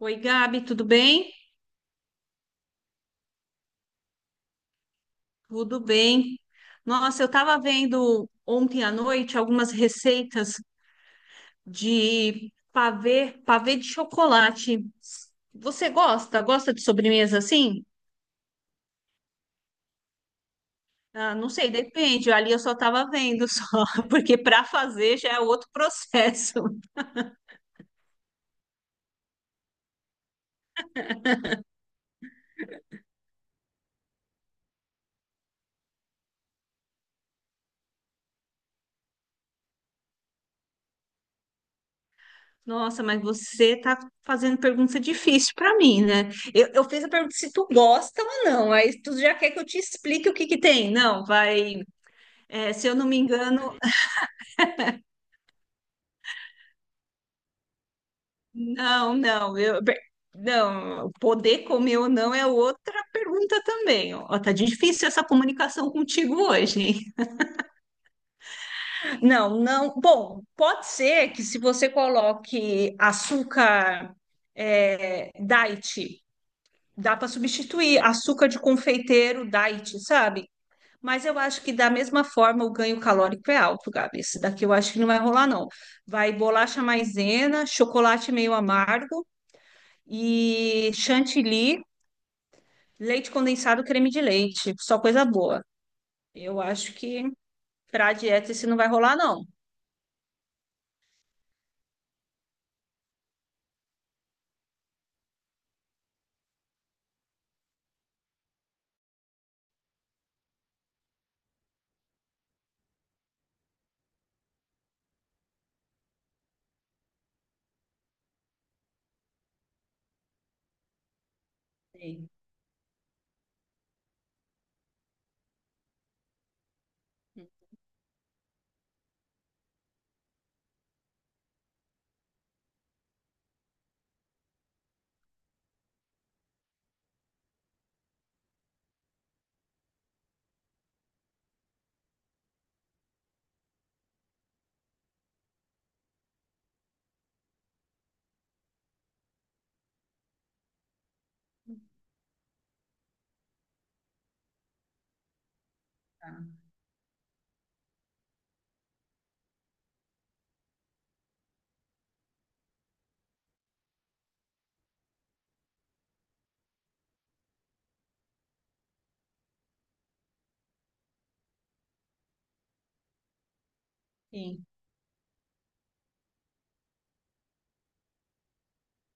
Oi, Gabi, tudo bem? Tudo bem. Nossa, eu estava vendo ontem à noite algumas receitas de pavê, pavê de chocolate. Você gosta? Gosta de sobremesa assim? Ah, não sei, depende. Ali eu só estava vendo só, porque para fazer já é outro processo. Nossa, mas você tá fazendo pergunta difícil para mim, né? Eu fiz a pergunta se tu gosta ou não. Aí tu já quer que eu te explique o que que tem. Não, vai. É, se eu não me engano. Não, não, eu, bem, não, poder comer ou não é outra pergunta também. Ó, tá difícil essa comunicação contigo hoje, hein? Não, não. Bom, pode ser que se você coloque açúcar, é, diet, dá para substituir açúcar de confeiteiro diet, sabe? Mas eu acho que da mesma forma o ganho calórico é alto, Gabi. Esse daqui eu acho que não vai rolar, não. Vai bolacha maisena, chocolate meio amargo, e chantilly, leite condensado, creme de leite. Só coisa boa. Eu acho que para dieta isso não vai rolar, não. Eita, sim,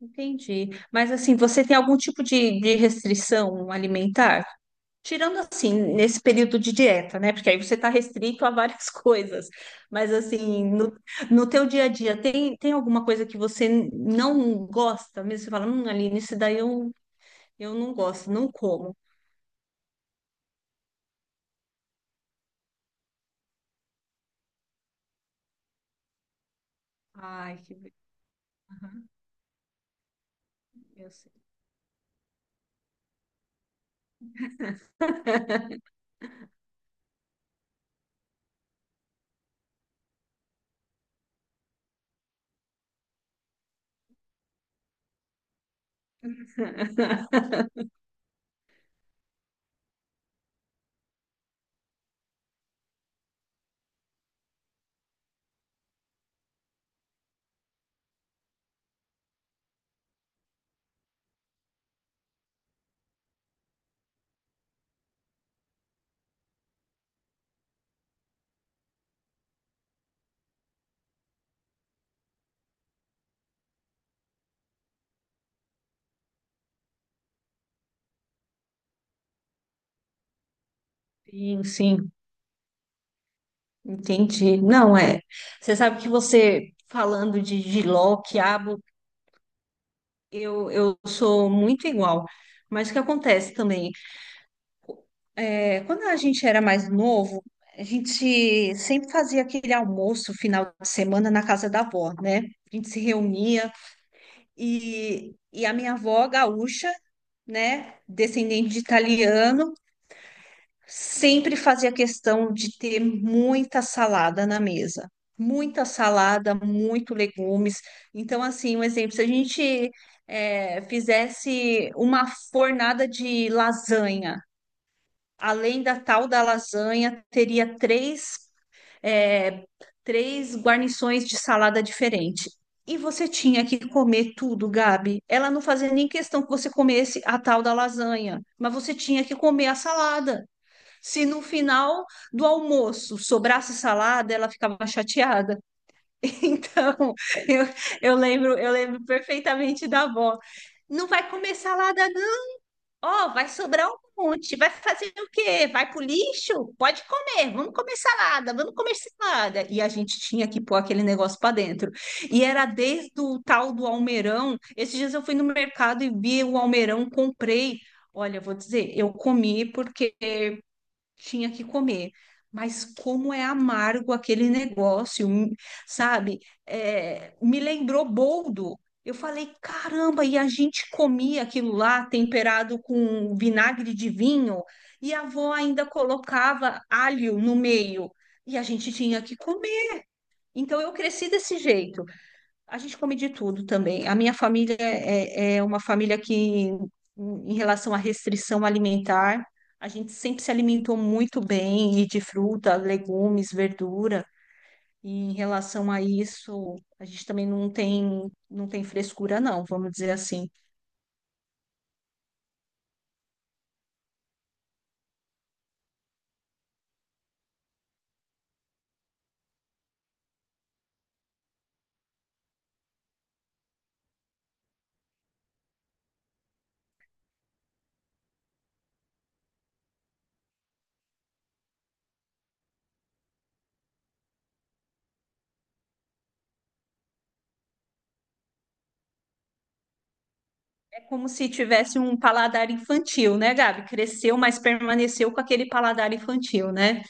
entendi. Mas assim, você tem algum tipo de restrição alimentar? Tirando assim, nesse período de dieta, né? Porque aí você está restrito a várias coisas. Mas assim, no, no teu dia a dia, tem, tem alguma coisa que você não gosta? Mesmo você fala, Aline, isso daí eu não gosto, não como. Ai, que... be- Aham, eu sei. Sim, sim, entendi. Não é. Você sabe que você falando de jiló, quiabo, eu sou muito igual. Mas o que acontece também é, quando a gente era mais novo, a gente sempre fazia aquele almoço final de semana na casa da avó, né? A gente se reunia e, a minha avó gaúcha, né, descendente de italiano, sempre fazia questão de ter muita salada na mesa. Muita salada, muito legumes. Então, assim, um exemplo, se a gente fizesse uma fornada de lasanha, além da tal da lasanha, teria três, eh, três guarnições de salada diferente. E você tinha que comer tudo, Gabi. Ela não fazia nem questão que você comesse a tal da lasanha, mas você tinha que comer a salada. Se no final do almoço sobrasse salada, ela ficava chateada. Então, eu, eu lembro perfeitamente da avó. Não vai comer salada, não. Ó, vai sobrar um monte. Vai fazer o quê? Vai pro lixo? Pode comer. Vamos comer salada, vamos comer salada. E a gente tinha que pôr aquele negócio para dentro. E era desde o tal do almeirão. Esses dias eu fui no mercado e vi o almeirão, comprei. Olha, eu vou dizer, eu comi porque tinha que comer. Mas como é amargo aquele negócio, sabe? É, me lembrou boldo. Eu falei, caramba, e a gente comia aquilo lá temperado com vinagre de vinho, e a avó ainda colocava alho no meio, e a gente tinha que comer. Então eu cresci desse jeito. A gente come de tudo também. A minha família é, é uma família que, em relação à restrição alimentar, a gente sempre se alimentou muito bem e de fruta, legumes, verdura. E em relação a isso, a gente também não tem, não tem frescura, não, vamos dizer assim. É como se tivesse um paladar infantil, né, Gabi? Cresceu, mas permaneceu com aquele paladar infantil, né?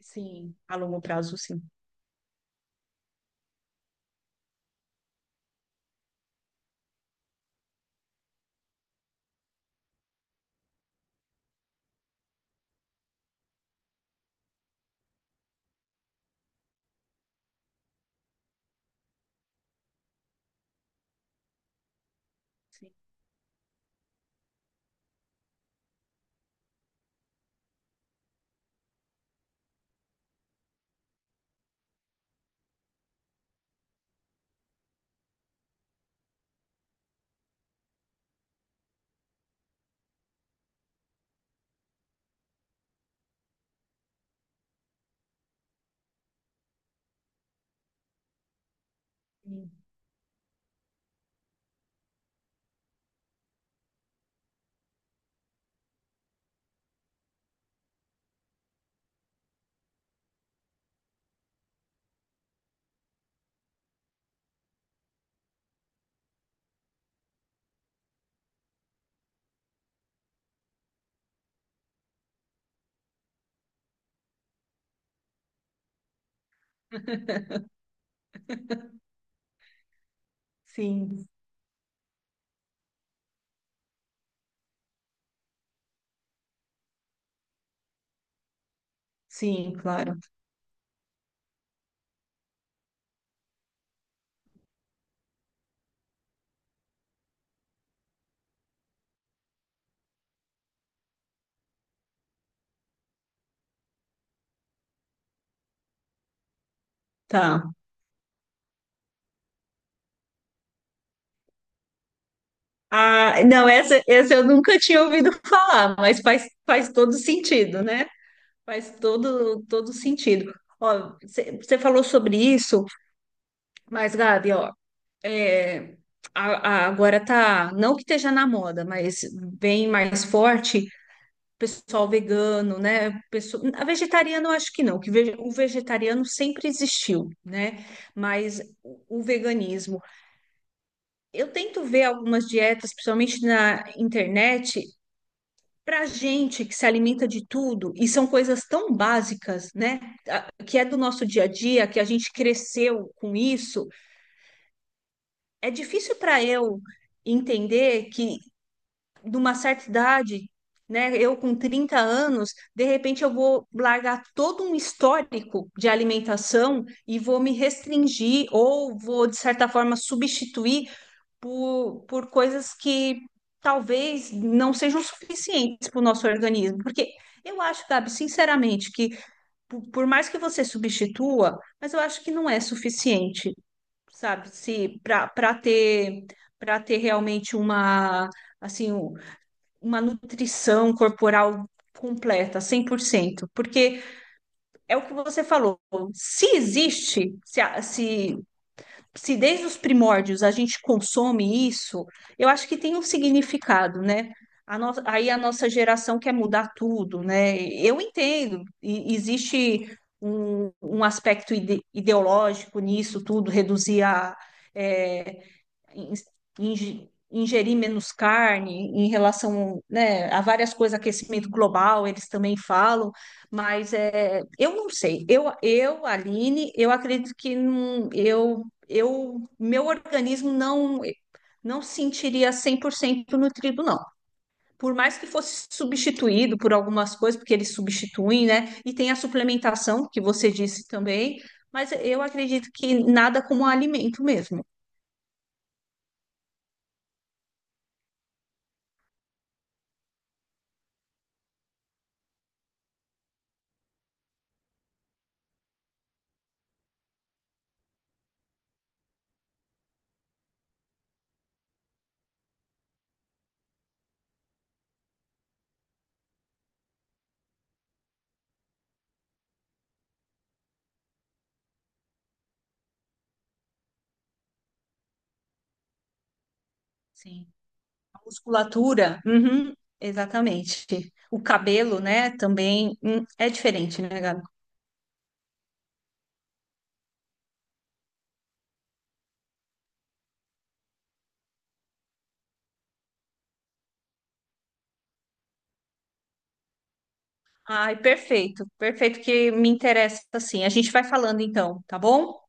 Sim, a longo prazo, sim. Sim, sim, sim, claro. Tá. Ah, não, essa eu nunca tinha ouvido falar, mas faz, faz todo sentido, né? Faz todo, todo sentido. Ó, você falou sobre isso, mas, Gabi, ó, é, a- agora tá, não que esteja na moda, mas bem mais forte, o pessoal vegano, né? Pessoa, a vegetariana eu acho que não, que ve- o vegetariano sempre existiu, né? Mas o veganismo. Eu tento ver algumas dietas, principalmente na internet, para gente que se alimenta de tudo, e são coisas tão básicas, né? a- Que é do nosso dia a dia, que a gente cresceu com isso, é difícil para eu entender que, numa certa idade, né? Eu com 30 anos, de repente eu vou largar todo um histórico de alimentação e vou me restringir ou vou, de certa forma, substituir por coisas que talvez não sejam suficientes para o nosso organismo. Porque eu acho, Gabi, sinceramente, que por mais que você substitua, mas eu acho que não é suficiente, sabe? Se para ter para ter realmente uma assim, um- uma nutrição corporal completa, 100% porque é o que você falou, se existe, se, a- se, se desde os primórdios a gente consome isso, eu acho que tem um significado, né? A no- Aí a nossa geração quer mudar tudo, né? Eu entendo, e- existe um, um aspecto ide- ideológico nisso tudo, reduzir a, é, inge- ingerir menos carne em relação, né, a várias coisas, aquecimento global, eles também falam, mas é, eu não sei. Eu, Aline, eu acredito que não, eu, meu organismo não não sentiria 100% nutrido, não. Por mais que fosse substituído por algumas coisas, porque eles substituem, né? E tem a suplementação, que você disse também, mas eu acredito que nada como alimento mesmo. Sim. Musculatura, uhum, exatamente. O cabelo, né, também é diferente, né, Gabi? Ai, perfeito, perfeito que me interessa assim. A gente vai falando então, tá bom?